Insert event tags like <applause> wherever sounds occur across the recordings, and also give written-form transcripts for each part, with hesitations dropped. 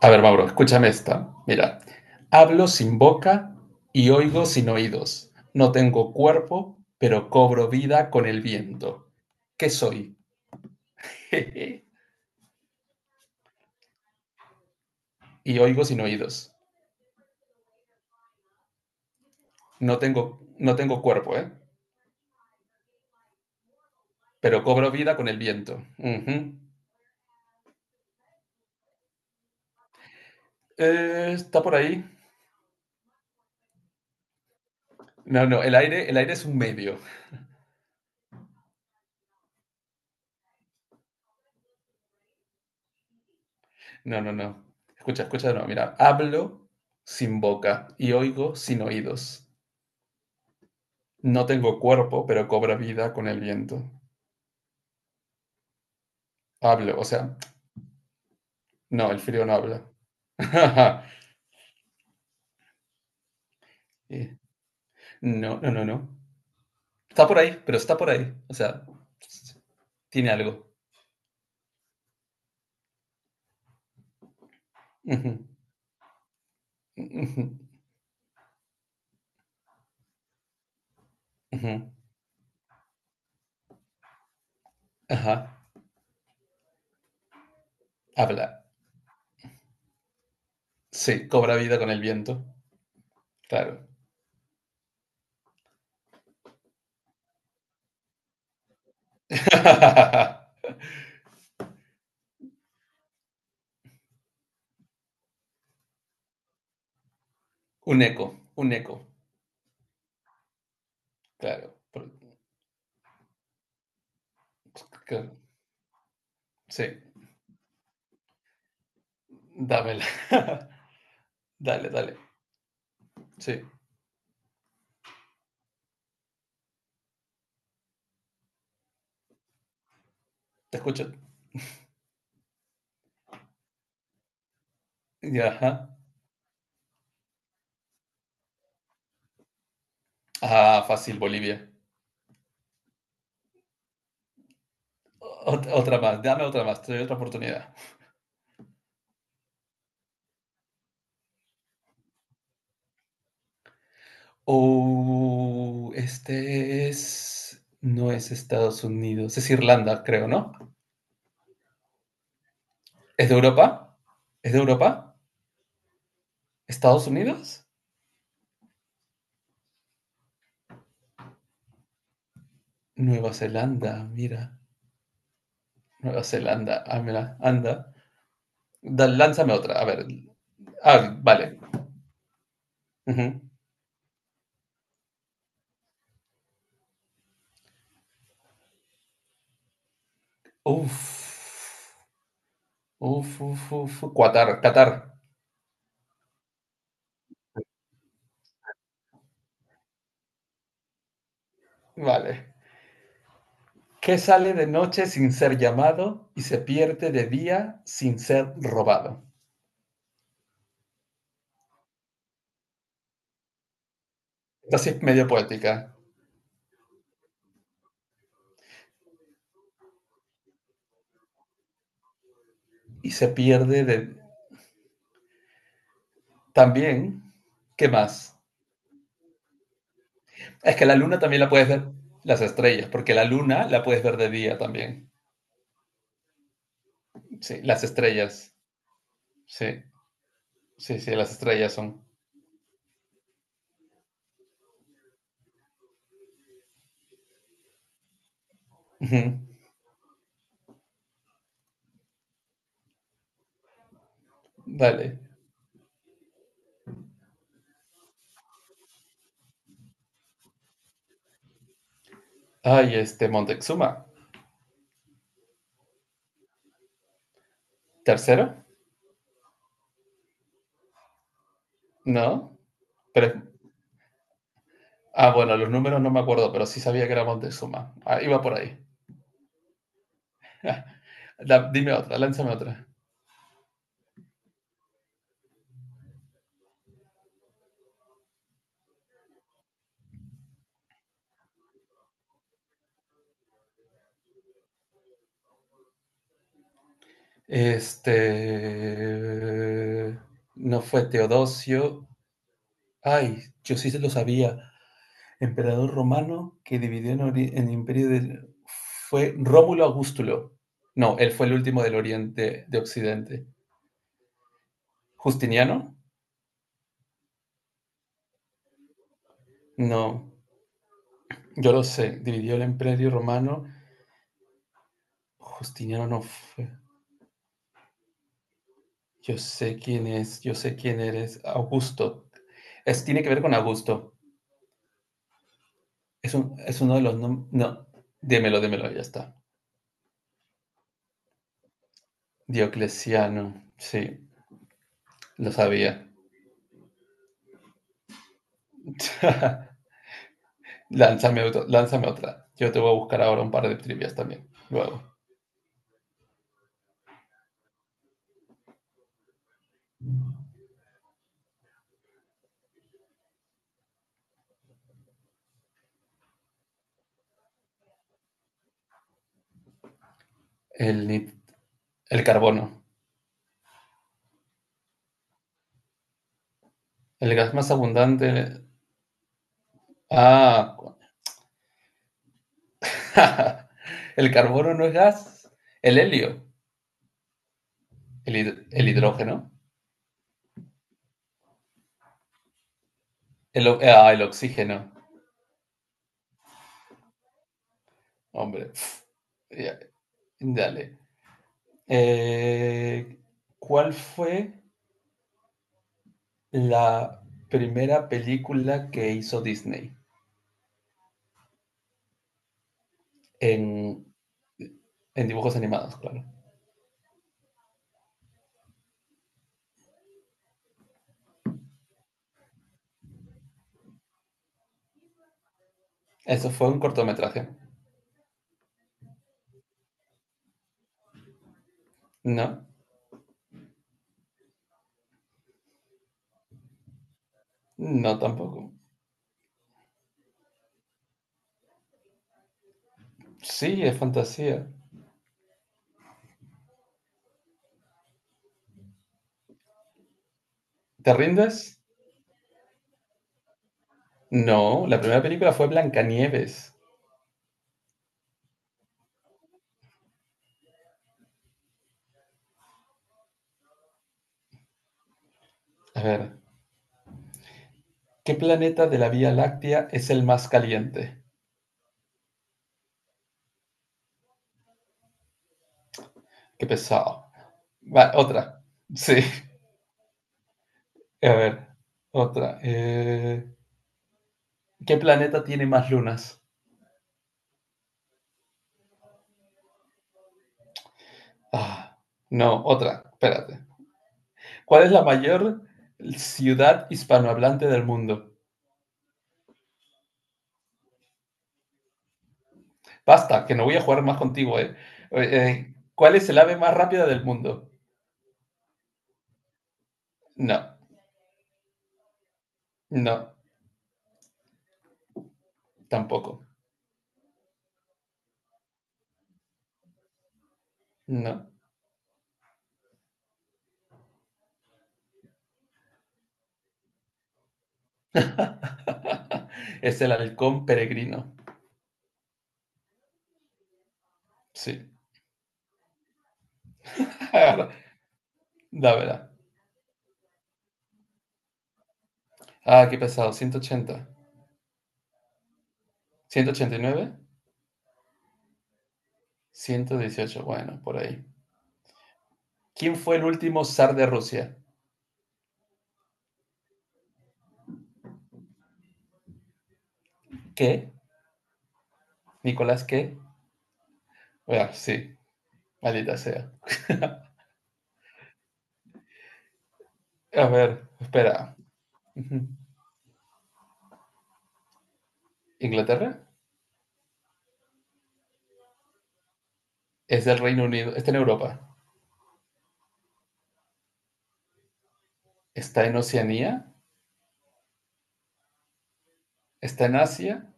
A ver, Mauro, escúchame esta. Mira, hablo sin boca y oigo sin oídos. No tengo cuerpo, pero cobro vida con el viento. ¿Qué soy? <laughs> y oigo sin oídos. No tengo cuerpo, ¿eh? Pero cobro vida con el viento. Ujú. ¿Está por ahí? No, no, el aire es un medio. No, no, no. Escucha, escucha de nuevo. Mira, hablo sin boca y oigo sin oídos. No tengo cuerpo, pero cobro vida con el viento. Hablo, o sea, no, el frío no habla. <laughs> Eh, No, no, no, no. Está por ahí, pero está por ahí. O sea, tiene algo. Ujú, ujú, ujú. Ajá. Habla. Sí, cobra vida con el viento. Claro. <laughs> Un eco, un eco. Claro. Claro. Sí, dámela. <laughs> Dale, dale. Sí, te escucho. Ya, ajá. Ah, fácil, Bolivia. Otra más, dame otra más, te doy otra oportunidad. Oh, este es no es Estados Unidos, es Irlanda, creo, ¿no? ¿Es de Europa? ¿Es de Europa? ¿Estados Unidos? Nueva Zelanda, mira. Nueva Zelanda, ah, mira, anda. Lánzame otra, a ver. Ah, vale. Ujú. Uf. Uf, uf, uf. Qatar, Qatar. Vale. ¿Qué sale de noche sin ser llamado y se pierde de día sin ser robado? Esta sí es medio poética. Y se pierde de... También, ¿qué más? Es que la luna también la puedes ver, las estrellas, porque la luna la puedes ver de día también. Sí, las estrellas. Sí, sí, sí, las estrellas son. Ujú. Dale. Ay, este Montezuma. ¿Tercero? ¿No? Pero, ah, bueno, los números no me acuerdo, pero sí sabía que era Montezuma. Ah, iba por ahí. <laughs> Dime otra, lánzame otra. Este... No fue Teodosio. Ay, yo sí se lo sabía. Emperador romano que dividió en el imperio del... fue Rómulo Augustulo. No, él fue el último del Oriente, de Occidente. ¿Justiniano? No, yo lo sé. Dividió el imperio romano. Justiniano no fue. Yo sé quién es, yo sé quién eres. Augusto. Es, tiene que ver con Augusto. Es uno de los... No, démelo, démelo, ya está. Diocleciano. Sí, lo sabía. <laughs> Lánzame, lánzame otra. Yo te voy a buscar ahora un par de trivias también. Luego. El, el carbono. El gas más abundante. Ah. <laughs> El carbono no es gas. El helio. El, el hidrógeno. El oxígeno. Hombre. Ya, dale. Eh, ¿Cuál fue la primera película que hizo Disney? En, en dibujos animados, claro. Eso fue un cortometraje, ¿no? No, tampoco. Sí, es fantasía. ¿Te rindes? No, la primera película fue Blancanieves. A ver, ¿qué planeta de la Vía Láctea es el más caliente? Qué pesado. Va, otra. Sí, <laughs> a ver, otra. ¿Qué planeta tiene más lunas? Ah, no, otra. Espérate. ¿Cuál es la mayor ciudad hispanohablante del mundo? Basta, que no voy a jugar más contigo, ¿eh? ¿Cuál es el ave más rápida del mundo? No, no, tampoco. No. <laughs> Es el halcón peregrino. Sí. <laughs> Dámela. Ah, qué pesado. Ciento ochenta, 189, 118. Bueno, por ahí. ¿Quién fue el último zar de Rusia? ¿Qué? ¿Nicolás qué? Bueno, sí. Maldita sea. A ver, espera. <laughs> ¿Inglaterra? Es del Reino Unido. Está en Europa. Está en Oceanía. Está en Asia.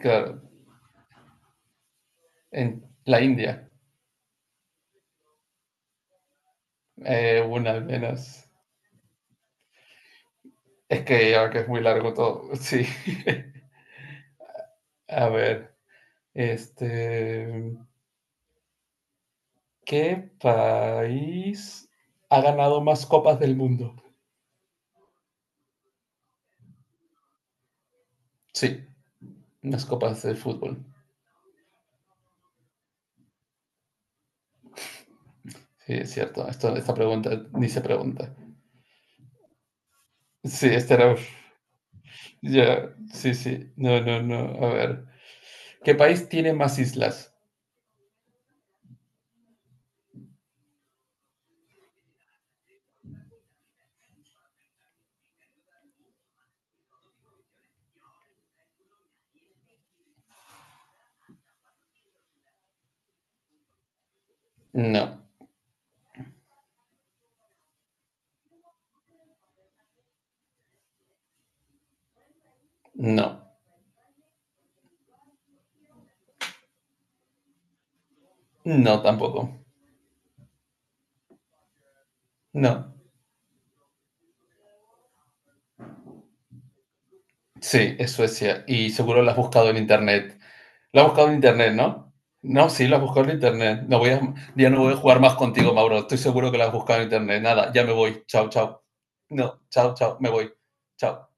Claro. En la India. Una al menos. Es que ya que es muy largo todo, sí. <laughs> A ver, este, ¿qué país ha ganado más copas del mundo? Sí, más copas de fútbol. Sí, es cierto. Esta pregunta ni se pregunta. Sí, esta era. Ya, sí, sí. No, no, no. A ver. ¿Qué país tiene más islas? No, no, no tampoco. No. Sí, es Suecia. Y seguro lo has buscado en internet. Lo has buscado en internet, ¿no? No, sí, lo has buscado en internet. No voy a, ya no voy a jugar más contigo, Mauro. Estoy seguro que lo has buscado en internet. Nada, ya me voy. Chao, chao. No, chao, chao. Me voy. Chao.